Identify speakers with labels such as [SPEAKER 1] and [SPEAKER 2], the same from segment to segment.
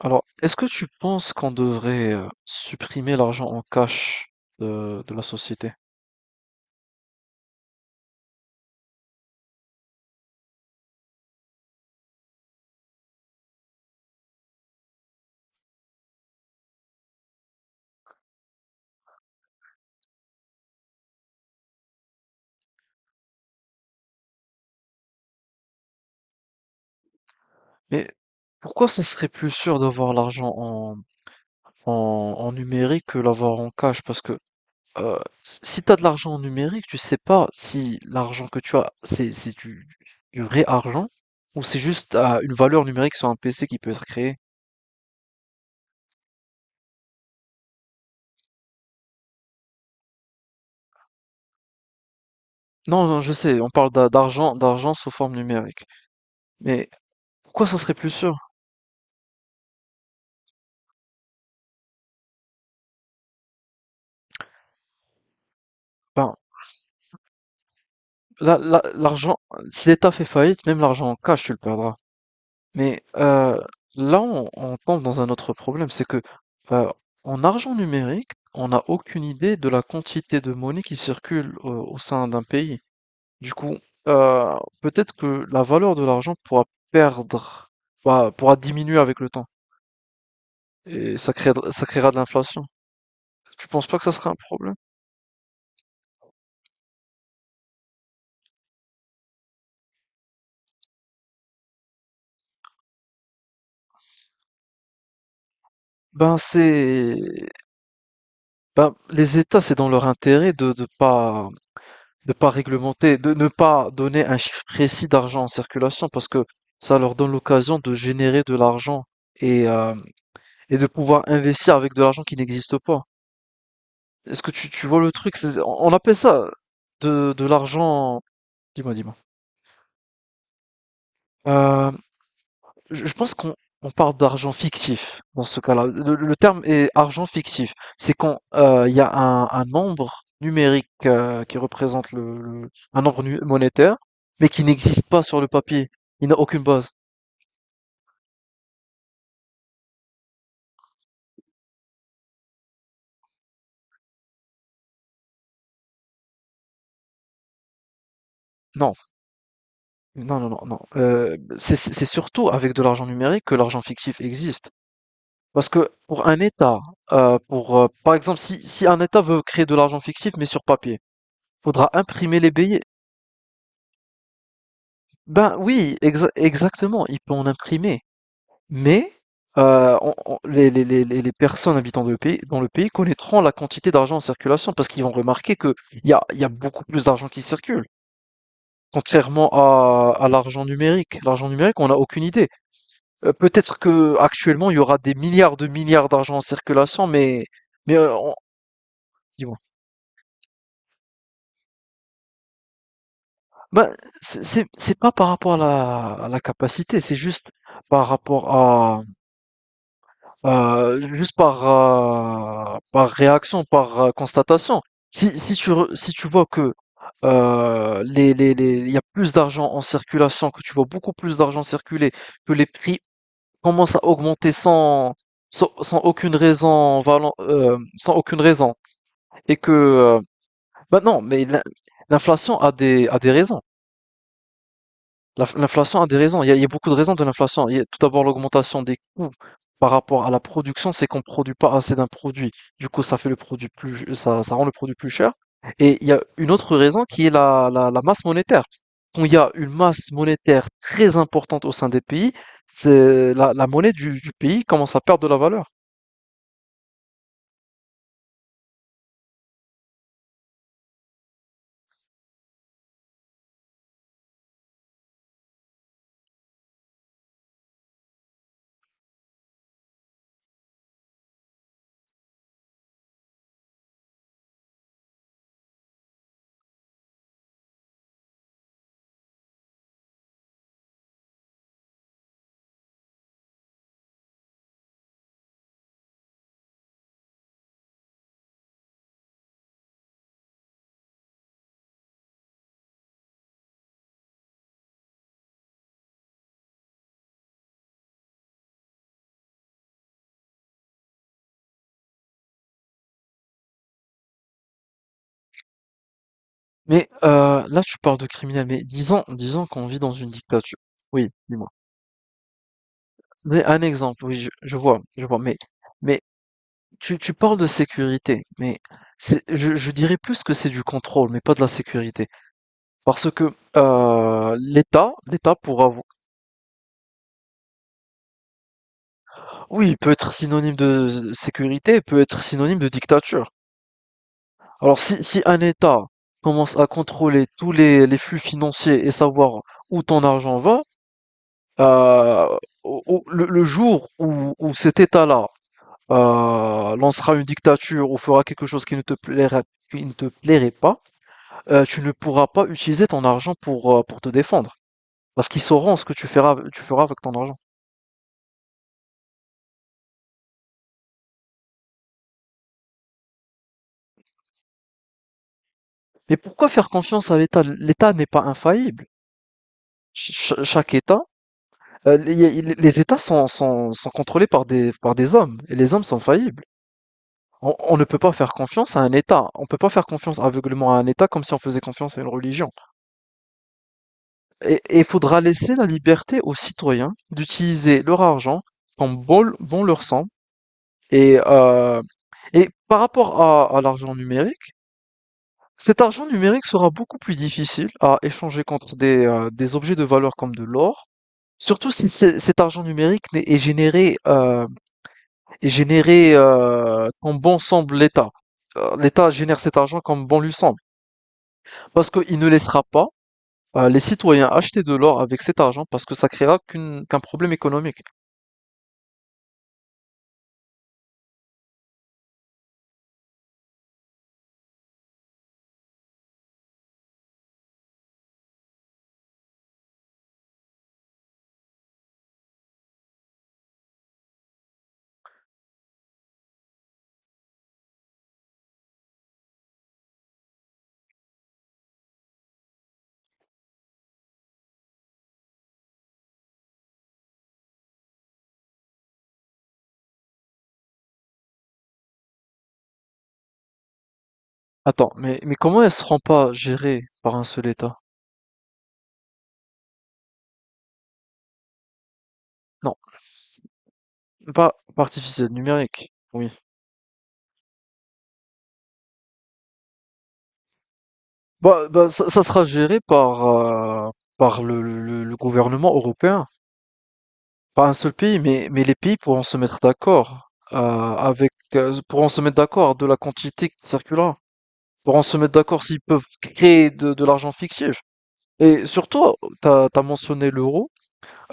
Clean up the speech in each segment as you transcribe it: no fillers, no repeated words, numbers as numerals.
[SPEAKER 1] Alors, est-ce que tu penses qu'on devrait supprimer l'argent en cash de la société? Mais pourquoi ça serait plus sûr d'avoir l'argent en numérique que l'avoir en cash? Parce que euh, si tu as de l'argent en numérique, tu sais pas si l'argent que tu as, c'est du vrai argent ou c'est juste une valeur numérique sur un PC qui peut être créée. Non, non, je sais, on parle d'argent sous forme numérique. Mais pourquoi ça serait plus sûr? Ben, l'argent, si l'État fait faillite, même l'argent en cash, tu le perdras. Mais là, on tombe dans un autre problème, c'est que euh, en argent numérique, on n'a aucune idée de la quantité de monnaie qui circule au sein d'un pays. Du coup, euh, peut-être que la valeur de l'argent pourra perdre, pourra diminuer avec le temps, et ça créera de l'inflation. Tu penses pas que ça sera un problème? Ben c'est, ben les États, c'est dans leur intérêt de pas réglementer, de ne pas donner un chiffre précis d'argent en circulation parce que ça leur donne l'occasion de générer de l'argent et, euh, et de pouvoir investir avec de l'argent qui n'existe pas. Est-ce que tu vois le truc? On appelle ça de l'argent. Dis-moi, dis-moi. Euh, je pense qu'on on parle d'argent fictif dans ce cas-là. Le terme est argent fictif. C'est quand il y a un nombre numérique qui représente un nombre monétaire, mais qui n'existe pas sur le papier. Il n'a aucune base. Non, non, non, non, non. C'est surtout avec de l'argent numérique que l'argent fictif existe. Parce que pour un État, pour par exemple, si un État veut créer de l'argent fictif mais sur papier, faudra imprimer les billets. Ben oui, exactement. Il peut en imprimer. Mais on les personnes habitant de pays dans le pays connaîtront la quantité d'argent en circulation parce qu'ils vont remarquer qu'il y a beaucoup plus d'argent qui circule. Contrairement à l'argent numérique. L'argent numérique, on a aucune idée. Peut-être que actuellement il y aura des milliards de milliards d'argent en circulation, mais, on dis-moi? Ben, c'est pas par rapport à la capacité, c'est juste par rapport à. Juste par, par réaction, par constatation, si si tu vois que il y a plus d'argent en circulation, que tu vois beaucoup plus d'argent circuler, que les prix commencent à augmenter sans aucune raison, sans aucune raison, et que, bah non, mais l'inflation a a des raisons. L'inflation a des raisons. Il y a beaucoup de raisons de l'inflation. Il y a tout d'abord l'augmentation des coûts par rapport à la production, c'est qu'on ne produit pas assez d'un produit. Du coup, ça fait le produit plus, ça rend le produit plus cher. Et il y a une autre raison qui est la masse monétaire. Quand il y a une masse monétaire très importante au sein des pays, c'est la monnaie du pays commence à perdre de la valeur. Mais là, tu parles de criminel. Mais disons, disons qu'on vit dans une dictature. Oui, dis-moi. Mais un exemple, oui, je vois, je vois. Mais tu parles de sécurité, mais je dirais plus que c'est du contrôle, mais pas de la sécurité. Parce que l'État pour avoir… Oui, il peut être synonyme de sécurité, il peut être synonyme de dictature. Alors si un État commence à contrôler tous les flux financiers et savoir où ton argent va, euh, le jour où cet État-là lancera une dictature ou fera quelque chose qui ne te plairait, qui ne te plairait pas, tu ne pourras pas utiliser ton argent pour te défendre. Parce qu'ils sauront ce que tu feras avec ton argent. Mais pourquoi faire confiance à l'État? L'État n'est pas infaillible. Ch Chaque État, heu, les les États sont contrôlés par des hommes et les hommes sont faillibles. On ne peut pas faire confiance à un État. On ne peut pas faire confiance aveuglément à un État comme si on faisait confiance à une religion. Et il faudra laisser la liberté aux citoyens d'utiliser leur argent comme bon leur semble. Et heu et par rapport à l'argent numérique, cet argent numérique sera beaucoup plus difficile à échanger contre des objets de valeur comme de l'or, surtout si c'est- cet argent numérique est généré, comme bon semble l'État. L'État génère cet argent comme bon lui semble, parce qu'il ne laissera pas les citoyens acheter de l'or avec cet argent, parce que ça créera qu'un problème économique. Attends, mais comment elle ne seront pas gérées par un seul État? Non, pas artificiel, numérique. Oui. Bah, ça sera géré par le gouvernement européen. Pas un seul pays, mais les pays pourront se mettre d'accord avec pourront se mettre d'accord de la quantité qui circulera. Pourront se mettre d'accord s'ils peuvent créer de l'argent fictif. Et surtout, t'as mentionné l'euro,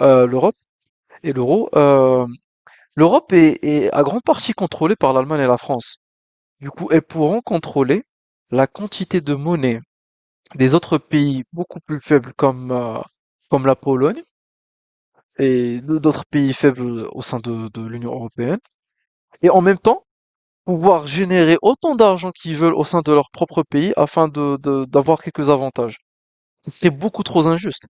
[SPEAKER 1] l'Europe et l'euro. L'Europe est à grande partie contrôlée par l'Allemagne et la France. Du coup, elles pourront contrôler la quantité de monnaie des autres pays beaucoup plus faibles comme la Pologne et d'autres pays faibles au sein de l'Union européenne. Et en même temps, pouvoir générer autant d'argent qu'ils veulent au sein de leur propre pays afin d'avoir quelques avantages. C'est beaucoup trop injuste.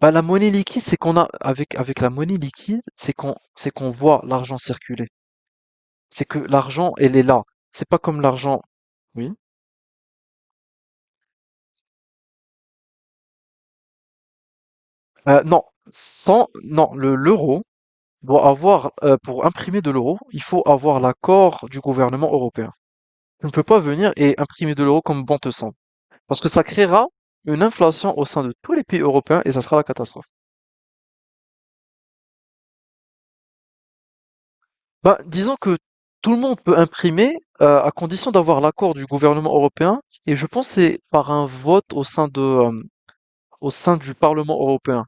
[SPEAKER 1] Bah, la monnaie liquide, c'est qu'on a, avec la monnaie liquide, c'est qu'on voit l'argent circuler. C'est que l'argent, elle est là. C'est pas comme l'argent, oui. Non, sans, non, le, l'euro, doit avoir, pour imprimer de l'euro, il faut avoir l'accord du gouvernement européen. Tu ne peux pas venir et imprimer de l'euro comme bon te semble. Parce que ça créera une inflation au sein de tous les pays européens et ça sera la catastrophe. Bah, disons que tout le monde peut imprimer à condition d'avoir l'accord du gouvernement européen et je pense que c'est par un vote au sein au sein du Parlement européen.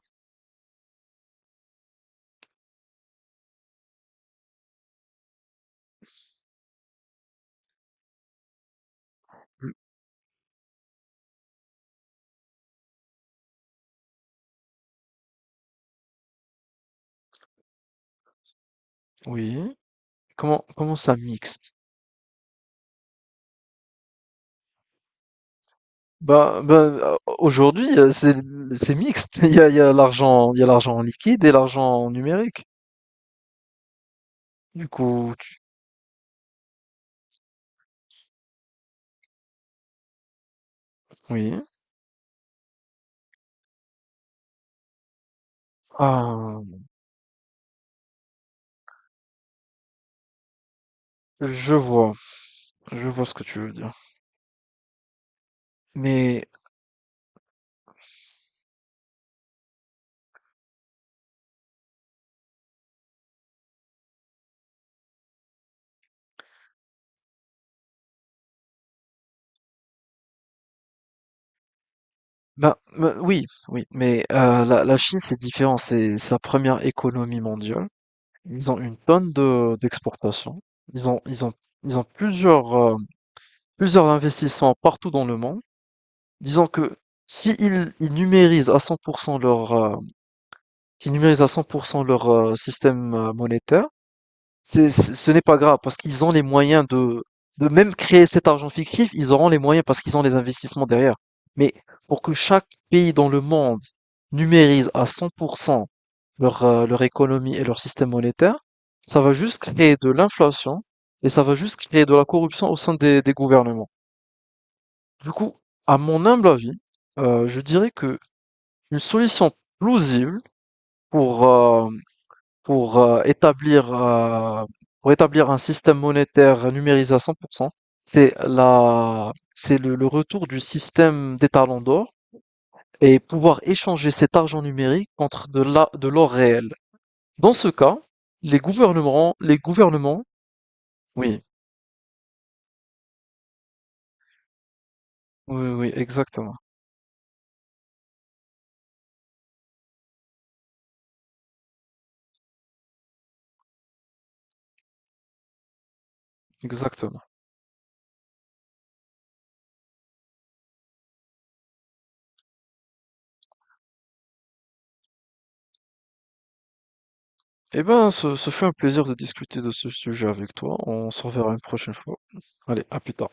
[SPEAKER 1] Oui. Comment ça mixte? Ben, aujourd'hui, c'est mixte. Il y a l'argent, il y a l'argent en liquide et l'argent numérique. Du coup, oui. Ah, je vois, je vois ce que tu veux dire. Mais ben, oui, oui. Mais la Chine, c'est différent. C'est la première économie mondiale. Ils ont une tonne de d'exportations. Ils ont ils ont Ils ont plusieurs plusieurs investissements partout dans le monde. Disons que si ils, ils numérisent à 100% leur, qui numérisent à 100% leur système monétaire, ce n'est pas grave parce qu'ils ont les moyens de même créer cet argent fictif, ils auront les moyens parce qu'ils ont les investissements derrière. Mais pour que chaque pays dans le monde numérise à 100% leur, leur économie et leur système monétaire, ça va juste créer de l'inflation et ça va juste créer de la corruption au sein des gouvernements. Du coup, à mon humble avis, je dirais que une solution plausible pour, euh, pour euh, établir, euh, pour établir un système monétaire numérisé à 100%. C'est le le retour du système des talons d'or et pouvoir échanger cet argent numérique contre de l'or réel. Dans ce cas, les gouvernements, oui, oui, oui, oui, exactement, exactement. Eh ben, ce fut un plaisir de discuter de ce sujet avec toi. On se reverra une prochaine fois. Allez, à plus tard.